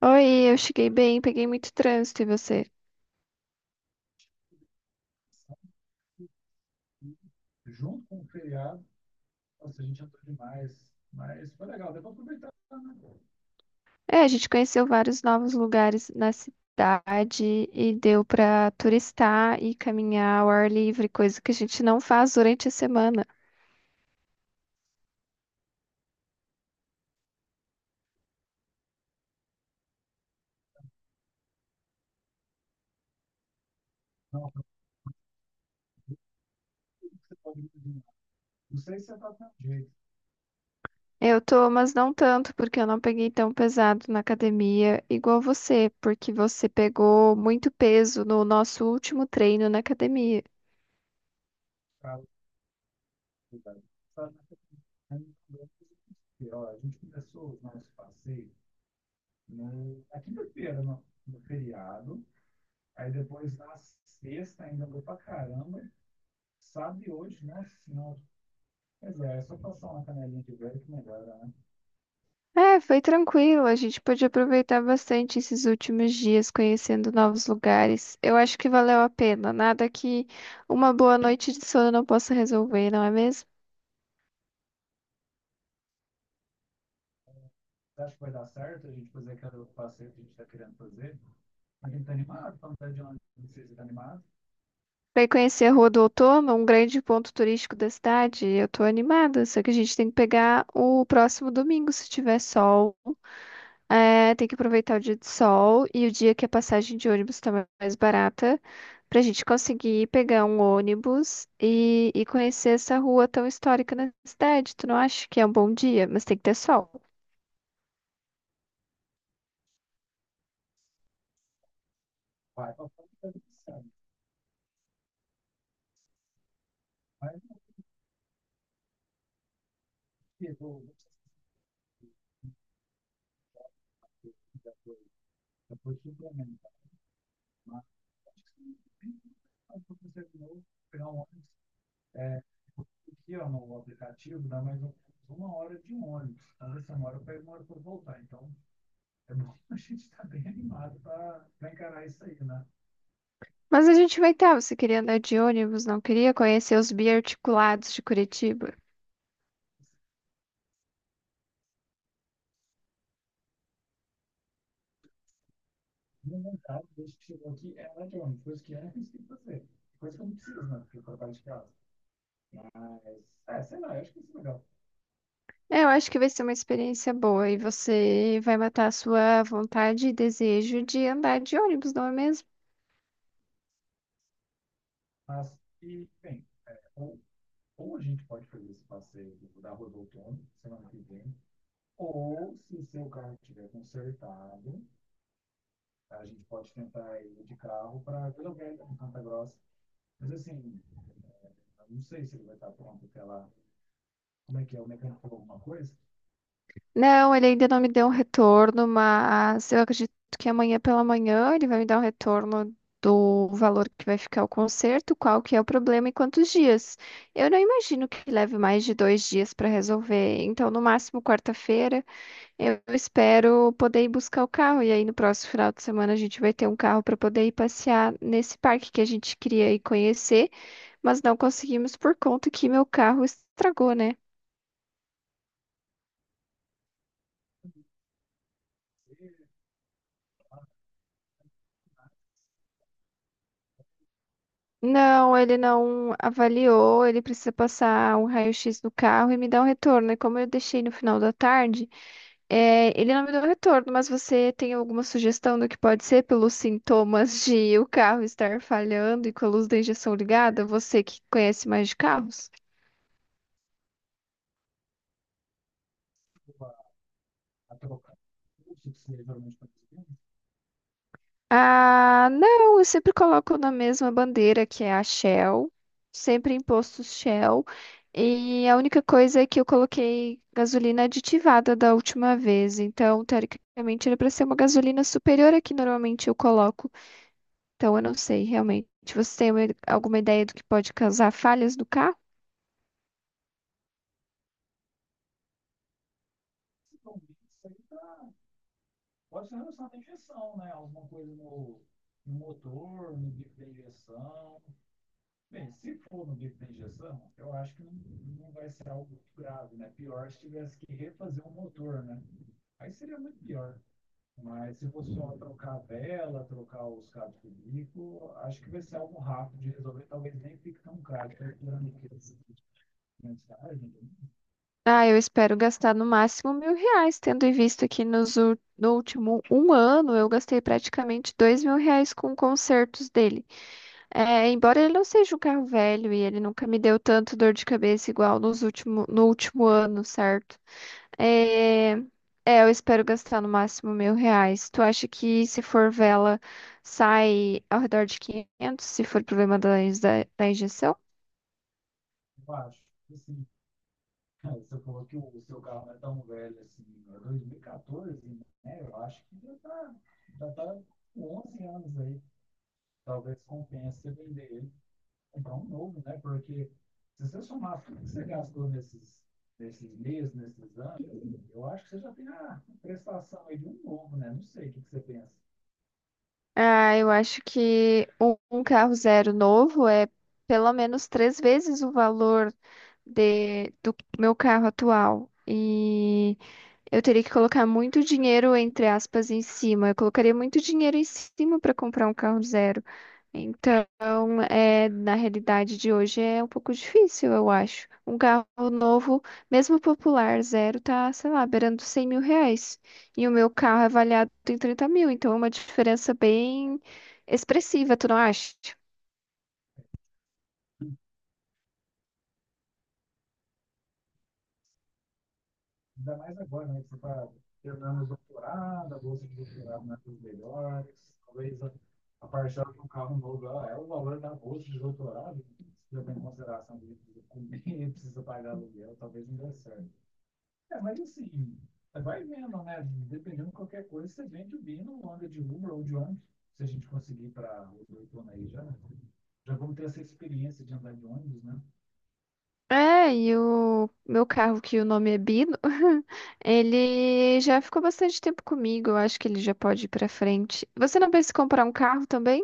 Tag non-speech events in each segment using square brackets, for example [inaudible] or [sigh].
Oi, eu cheguei bem, peguei muito trânsito e você? É, a gente conheceu vários novos lugares na cidade e deu pra turistar e caminhar ao ar livre, coisa que a gente não faz durante a semana. Eu tô, mas não tanto, porque eu não peguei tão pesado na academia igual você, porque você pegou muito peso no nosso último treino na academia. É, foi tranquilo. A gente pôde aproveitar bastante esses últimos dias conhecendo novos lugares. Eu acho que valeu a pena. Nada que uma boa noite de sono não possa resolver, não é mesmo? Vai conhecer a Rua do Outono, um grande ponto turístico da cidade. Eu tô animada, só que a gente tem que pegar o próximo domingo, se tiver sol. É, tem que aproveitar o dia de sol e o dia que a passagem de ônibus tá mais barata, pra gente conseguir pegar um ônibus e conhecer essa rua tão histórica na cidade. Tu não acha que é um bom dia? Mas tem que ter sol. Mas a gente vai estar. Você queria andar de ônibus, não queria conhecer os biarticulados de Curitiba? É, eu acho que vai ser uma experiência boa e você vai matar a sua vontade e desejo de andar de ônibus, não é mesmo? Não, ele ainda não me deu um retorno, mas eu acredito que amanhã pela manhã ele vai me dar um retorno do valor que vai ficar o conserto, qual que é o problema e quantos dias. Eu não imagino que leve mais de 2 dias para resolver, então no máximo quarta-feira eu espero poder ir buscar o carro e aí no próximo final de semana a gente vai ter um carro para poder ir passear nesse parque que a gente queria ir conhecer, mas não conseguimos por conta que meu carro estragou, né? Não, ele não avaliou, ele precisa passar um raio-x do carro e me dar um retorno. E como eu deixei no final da tarde, ele não me deu retorno, mas você tem alguma sugestão do que pode ser pelos sintomas de o carro estar falhando e com a luz da injeção ligada? Você que conhece mais de carros? Ah, não, eu sempre coloco na mesma bandeira que é a Shell, sempre em postos Shell. E a única coisa é que eu coloquei gasolina aditivada da última vez, então teoricamente era para ser uma gasolina superior à que normalmente eu coloco. Então eu não sei realmente. Você tem alguma ideia do que pode causar falhas no carro? Ah, eu espero gastar no máximo R$ 1.000, tendo em vista que no último um ano eu gastei praticamente R$ 2.000 com concertos dele. É, embora ele não seja um carro velho e ele nunca me deu tanto dor de cabeça igual no último ano, certo? É, é, eu espero gastar no máximo mil reais. Tu acha que se for vela sai ao redor de 500? Se for problema da injeção? Ah, eu acho que um carro zero novo é pelo menos 3 vezes o valor do meu carro atual. E eu teria que colocar muito dinheiro, entre aspas, em cima. Eu colocaria muito dinheiro em cima para comprar um carro zero. Então, na realidade de hoje é um pouco difícil, eu acho. Um carro novo, mesmo popular, zero, tá, sei lá, beirando R$ 100.000. E o meu carro é avaliado em 30 mil, então é uma diferença bem expressiva, tu não acha? É, e o meu carro, que o nome é Bino, [laughs] ele já ficou bastante tempo comigo, eu acho que ele já pode ir pra frente. Você não pensa em comprar um carro também?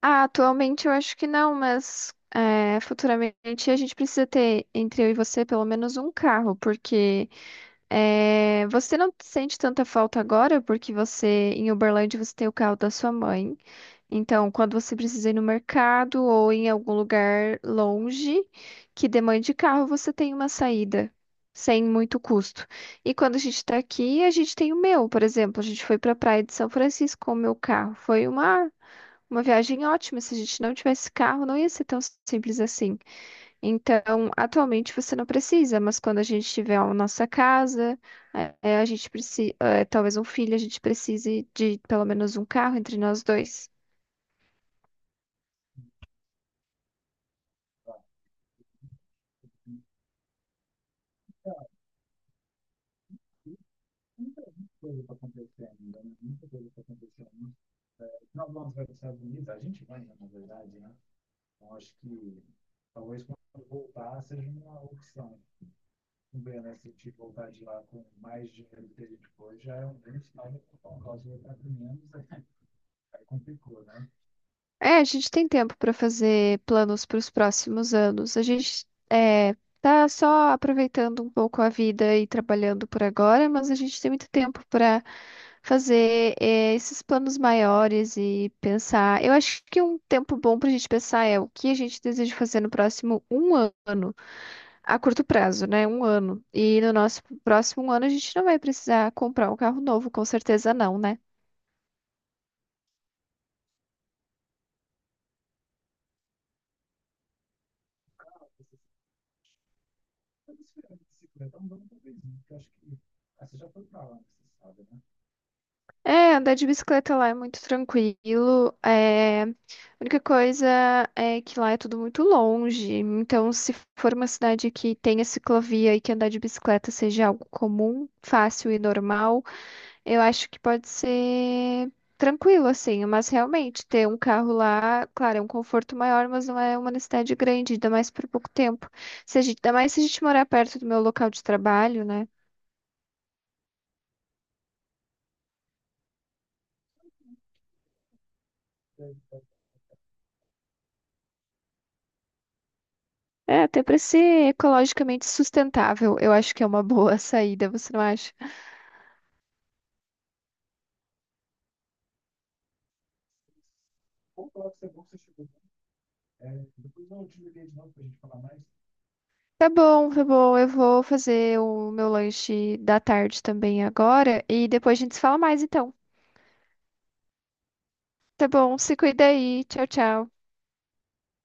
Ah, atualmente eu acho que não, mas futuramente a gente precisa ter, entre eu e você, pelo menos um carro, porque você não sente tanta falta agora, porque você, em Uberlândia, você tem o carro da sua mãe. Então, quando você precisa ir no mercado ou em algum lugar longe que demande carro, você tem uma saída sem muito custo. E quando a gente está aqui, a gente tem o meu, por exemplo, a gente foi para a praia de São Francisco com o meu carro. Foi uma viagem ótima. Se a gente não tivesse carro, não ia ser tão simples assim. Então, atualmente você não precisa, mas quando a gente tiver a nossa casa, a gente precisa, talvez um filho, a gente precise de pelo menos um carro entre nós dois. É, a gente tem tempo para fazer planos para os próximos anos. A gente é, tá só aproveitando um pouco a vida e trabalhando por agora, mas a gente tem muito tempo para fazer esses planos maiores e pensar. Eu acho que um tempo bom para a gente pensar é o que a gente deseja fazer no próximo um ano, a curto prazo, né? Um ano. E no nosso próximo ano a gente não vai precisar comprar um carro novo, com certeza não, né? É, andar de bicicleta lá é muito tranquilo. É. A única coisa é que lá é tudo muito longe. Então, se for uma cidade que tenha ciclovia e que andar de bicicleta seja algo comum, fácil e normal, eu acho que pode ser tranquilo, assim. Mas realmente, ter um carro lá, claro, é um conforto maior, mas não é uma necessidade grande, ainda mais por pouco tempo. Se a gente. Ainda mais se a gente morar perto do meu local de trabalho, né? É, até para ser ecologicamente sustentável, eu acho que é uma [laughs] boa saída, você não acha? Tá bom, eu vou fazer o meu lanche da tarde também agora e depois a gente se fala mais então. Tá bom, se cuida aí. Tchau, tchau.